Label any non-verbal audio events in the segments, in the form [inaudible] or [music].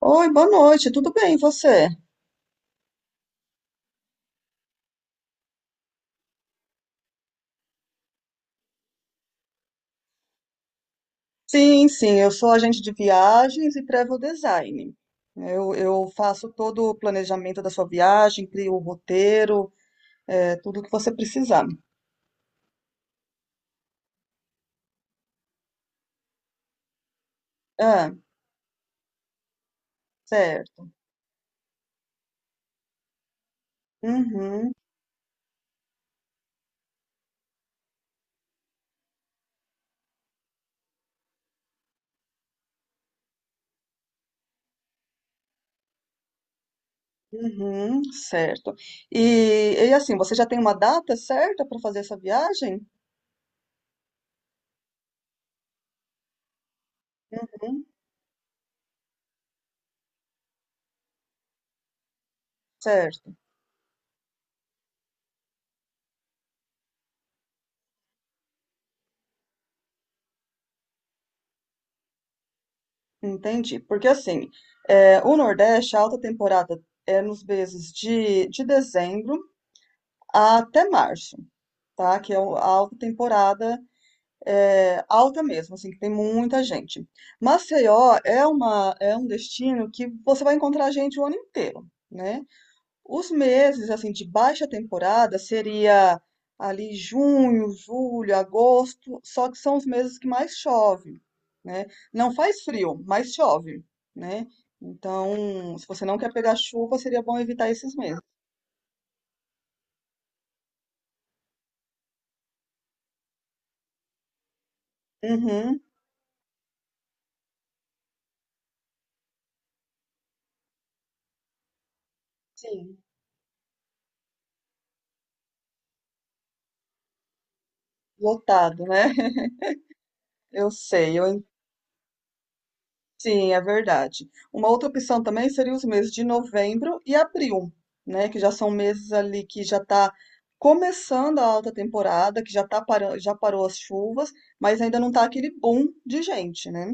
Oi, boa noite, tudo bem, e você? Sim, sim, eu sou agente de viagens e travel design. Eu faço todo o planejamento da sua viagem, crio o roteiro, tudo o que você precisar. Ah, certo. Uhum, uhum, certo. E assim, você já tem uma data certa para fazer essa viagem? Uhum, certo, entendi. Porque assim, o Nordeste, a alta temporada é nos meses de dezembro até março. Tá? Que é a alta temporada alta mesmo, assim, que tem muita gente. Maceió é uma é um destino que você vai encontrar gente o ano inteiro, né? Os meses assim de baixa temporada seria ali junho, julho, agosto, só que são os meses que mais chove, né? Não faz frio, mas chove, né? Então, se você não quer pegar chuva, seria bom evitar esses meses. Uhum, sim, lotado, né? [laughs] Eu sei. Eu Sim, é verdade. Uma outra opção também seria os meses de novembro e abril, né? Que já são meses ali que já está começando a alta temporada, que já tá parando, já parou as chuvas, mas ainda não está aquele boom de gente, né?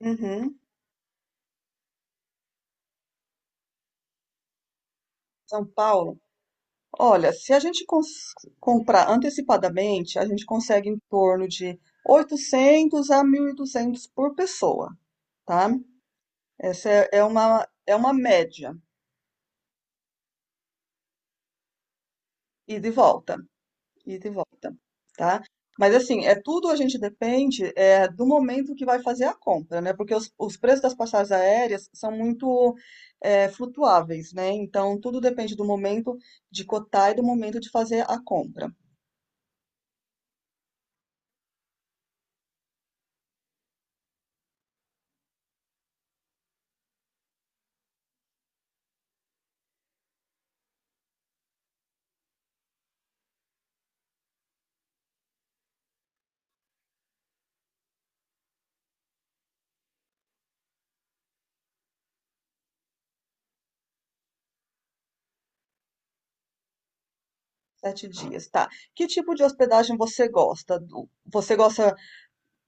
Uhum. São Paulo. Olha, se a gente comprar antecipadamente, a gente consegue em torno de 800 a 1.200 por pessoa, tá? Essa é uma média, ida e volta. e e volta, tá? Mas assim, é tudo a gente depende do momento que vai fazer a compra, né? Porque os preços das passagens aéreas são muito flutuáveis, né? Então, tudo depende do momento de cotar e do momento de fazer a compra. Sete dias, tá? Que tipo de hospedagem você gosta?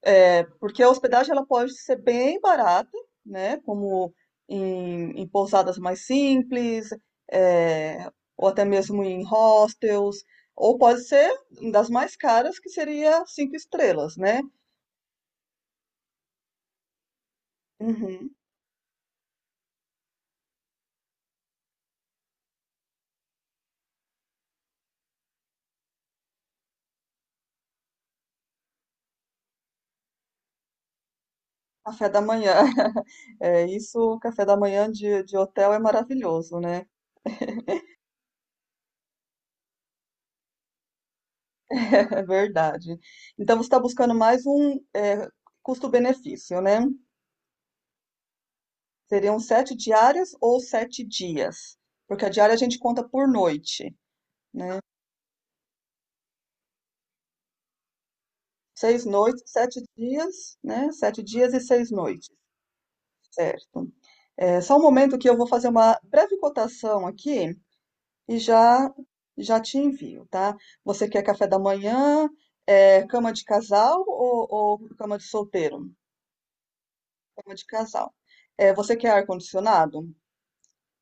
É, porque a hospedagem ela pode ser bem barata, né? Como em pousadas mais simples, é, ou até mesmo em hostels, ou pode ser das mais caras, que seria cinco estrelas, né? Uhum. Café da manhã. [laughs] É isso, café da manhã de hotel é maravilhoso, né? [laughs] É verdade. Então você está buscando mais um custo-benefício, né? Seriam sete diárias ou sete dias? Porque a diária a gente conta por noite, né? Seis noites, sete dias, né? Sete dias e seis noites, certo? É só um momento que eu vou fazer uma breve cotação aqui e já te envio, tá? Você quer café da manhã, cama de casal ou cama de solteiro? Cama de casal. É, você quer ar-condicionado?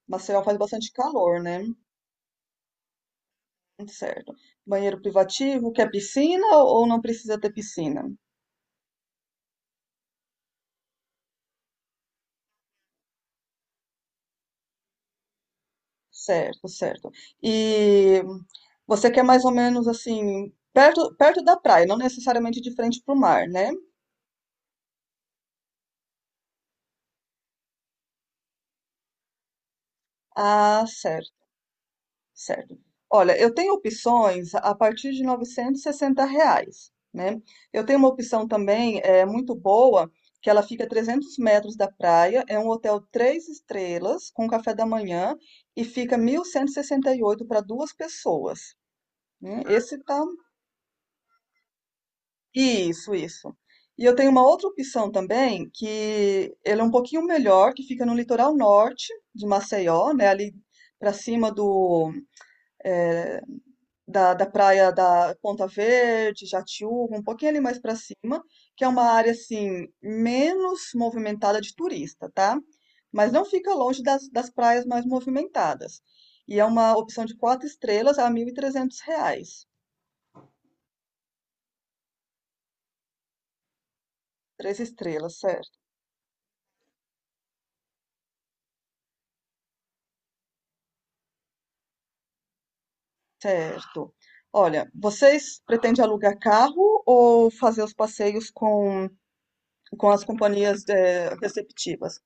Maceió faz bastante calor, né? Certo. Banheiro privativo, quer piscina ou não precisa ter piscina? Certo, certo. E você quer mais ou menos assim, perto, perto da praia, não necessariamente de frente para o mar, né? Ah, certo. Certo. Olha, eu tenho opções a partir de R$ 960, né. Eu tenho uma opção também, é muito boa, que ela fica a 300 metros da praia, é um hotel 3 estrelas, com café da manhã, e fica 1.168 para 2 pessoas, né. Ah, Esse tá isso, isso. E eu tenho uma outra opção também, que ele é um pouquinho melhor, que fica no litoral norte de Maceió, né, ali para cima eh, da praia da Ponta Verde, Jatiúca, um pouquinho ali mais para cima, que é uma área assim menos movimentada de turista, tá? Mas não fica longe das praias mais movimentadas. E é uma opção de quatro estrelas a R$ 1.300. Três estrelas, certo? Certo. Olha, vocês pretendem alugar carro ou fazer os passeios com as companhias receptivas?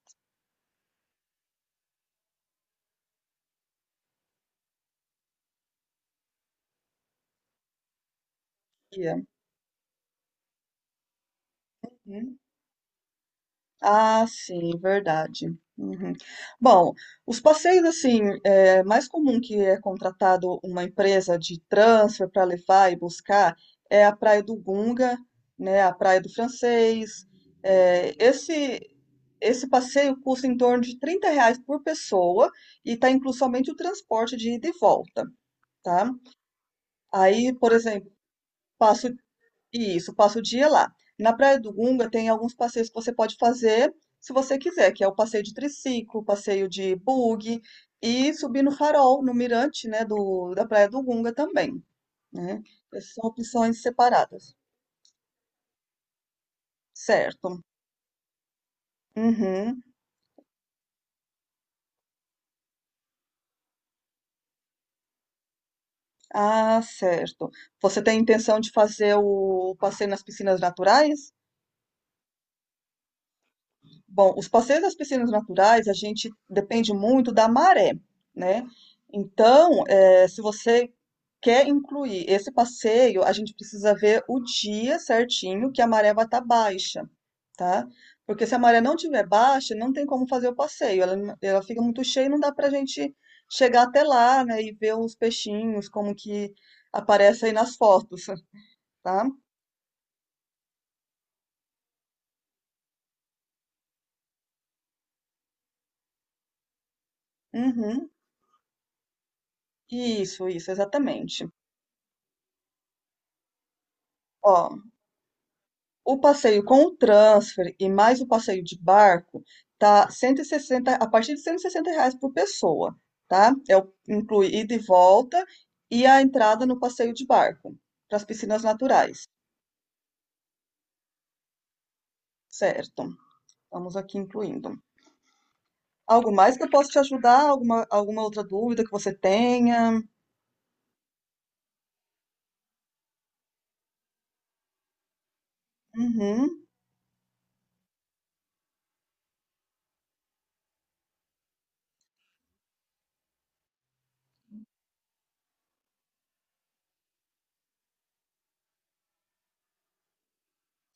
Guia. Uhum. Ah, sim, verdade. Uhum. Bom, os passeios assim, é mais comum que é contratado uma empresa de transfer para levar e buscar a Praia do Gunga, né, a Praia do Francês. É, esse esse passeio custa em torno de R$ 30 por pessoa e está incluso somente o transporte de ida e volta, tá? Aí, por exemplo, passa isso, passa o dia lá. Na Praia do Gunga tem alguns passeios que você pode fazer se você quiser, que é o passeio de triciclo, passeio de buggy e subir no farol, no mirante, né, da Praia do Gunga também, né? Essas são opções separadas. Certo. Uhum. Ah, certo. Você tem intenção de fazer o passeio nas piscinas naturais? Bom, os passeios das piscinas naturais, a gente depende muito da maré, né? Então, se você quer incluir esse passeio, a gente precisa ver o dia certinho que a maré vai estar baixa, tá? Porque se a maré não tiver baixa, não tem como fazer o passeio. Ela fica muito cheia, e não dá pra gente chegar até lá, né? E ver os peixinhos, como que aparece aí nas fotos, [laughs] tá? Uhum. Isso, exatamente. Ó, o passeio com o transfer e mais o passeio de barco tá 160, a partir de R$ 160 por pessoa, tá? Inclui ida e volta e a entrada no passeio de barco, para as piscinas naturais, certo? Estamos aqui incluindo. Algo mais que eu posso te ajudar? Alguma outra dúvida que você tenha? Uhum.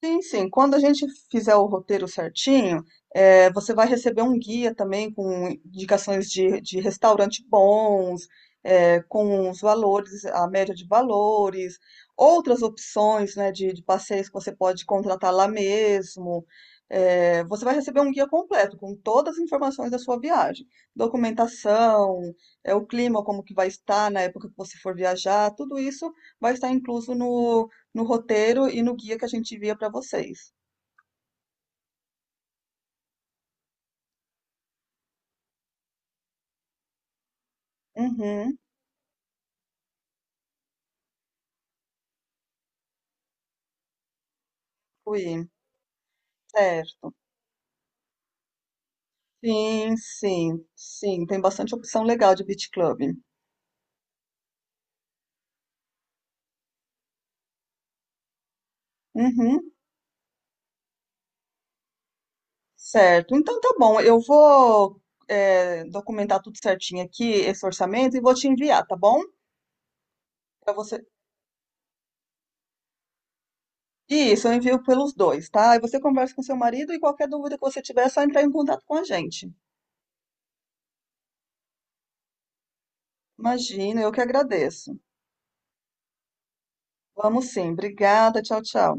Sim, sim. Quando a gente fizer o roteiro certinho, você vai receber um guia também com indicações de restaurante bons, com os valores, a média de valores, outras opções, né, de passeios que você pode contratar lá mesmo. Você vai receber um guia completo com todas as informações da sua viagem, documentação, é o clima, como que vai estar na época que você for viajar, tudo isso vai estar incluso no roteiro e no guia que a gente envia para vocês. Uhum, fui, certo. Sim, sim, sim, tem bastante opção legal de beach club. Uhum, certo. Então tá bom, eu vou documentar tudo certinho aqui, esse orçamento, e vou te enviar, tá bom? Para você. Isso, eu envio pelos dois, tá? Aí você conversa com seu marido e qualquer dúvida que você tiver, é só entrar em contato com a gente. Imagina, eu que agradeço. Vamos sim, obrigada, tchau, tchau.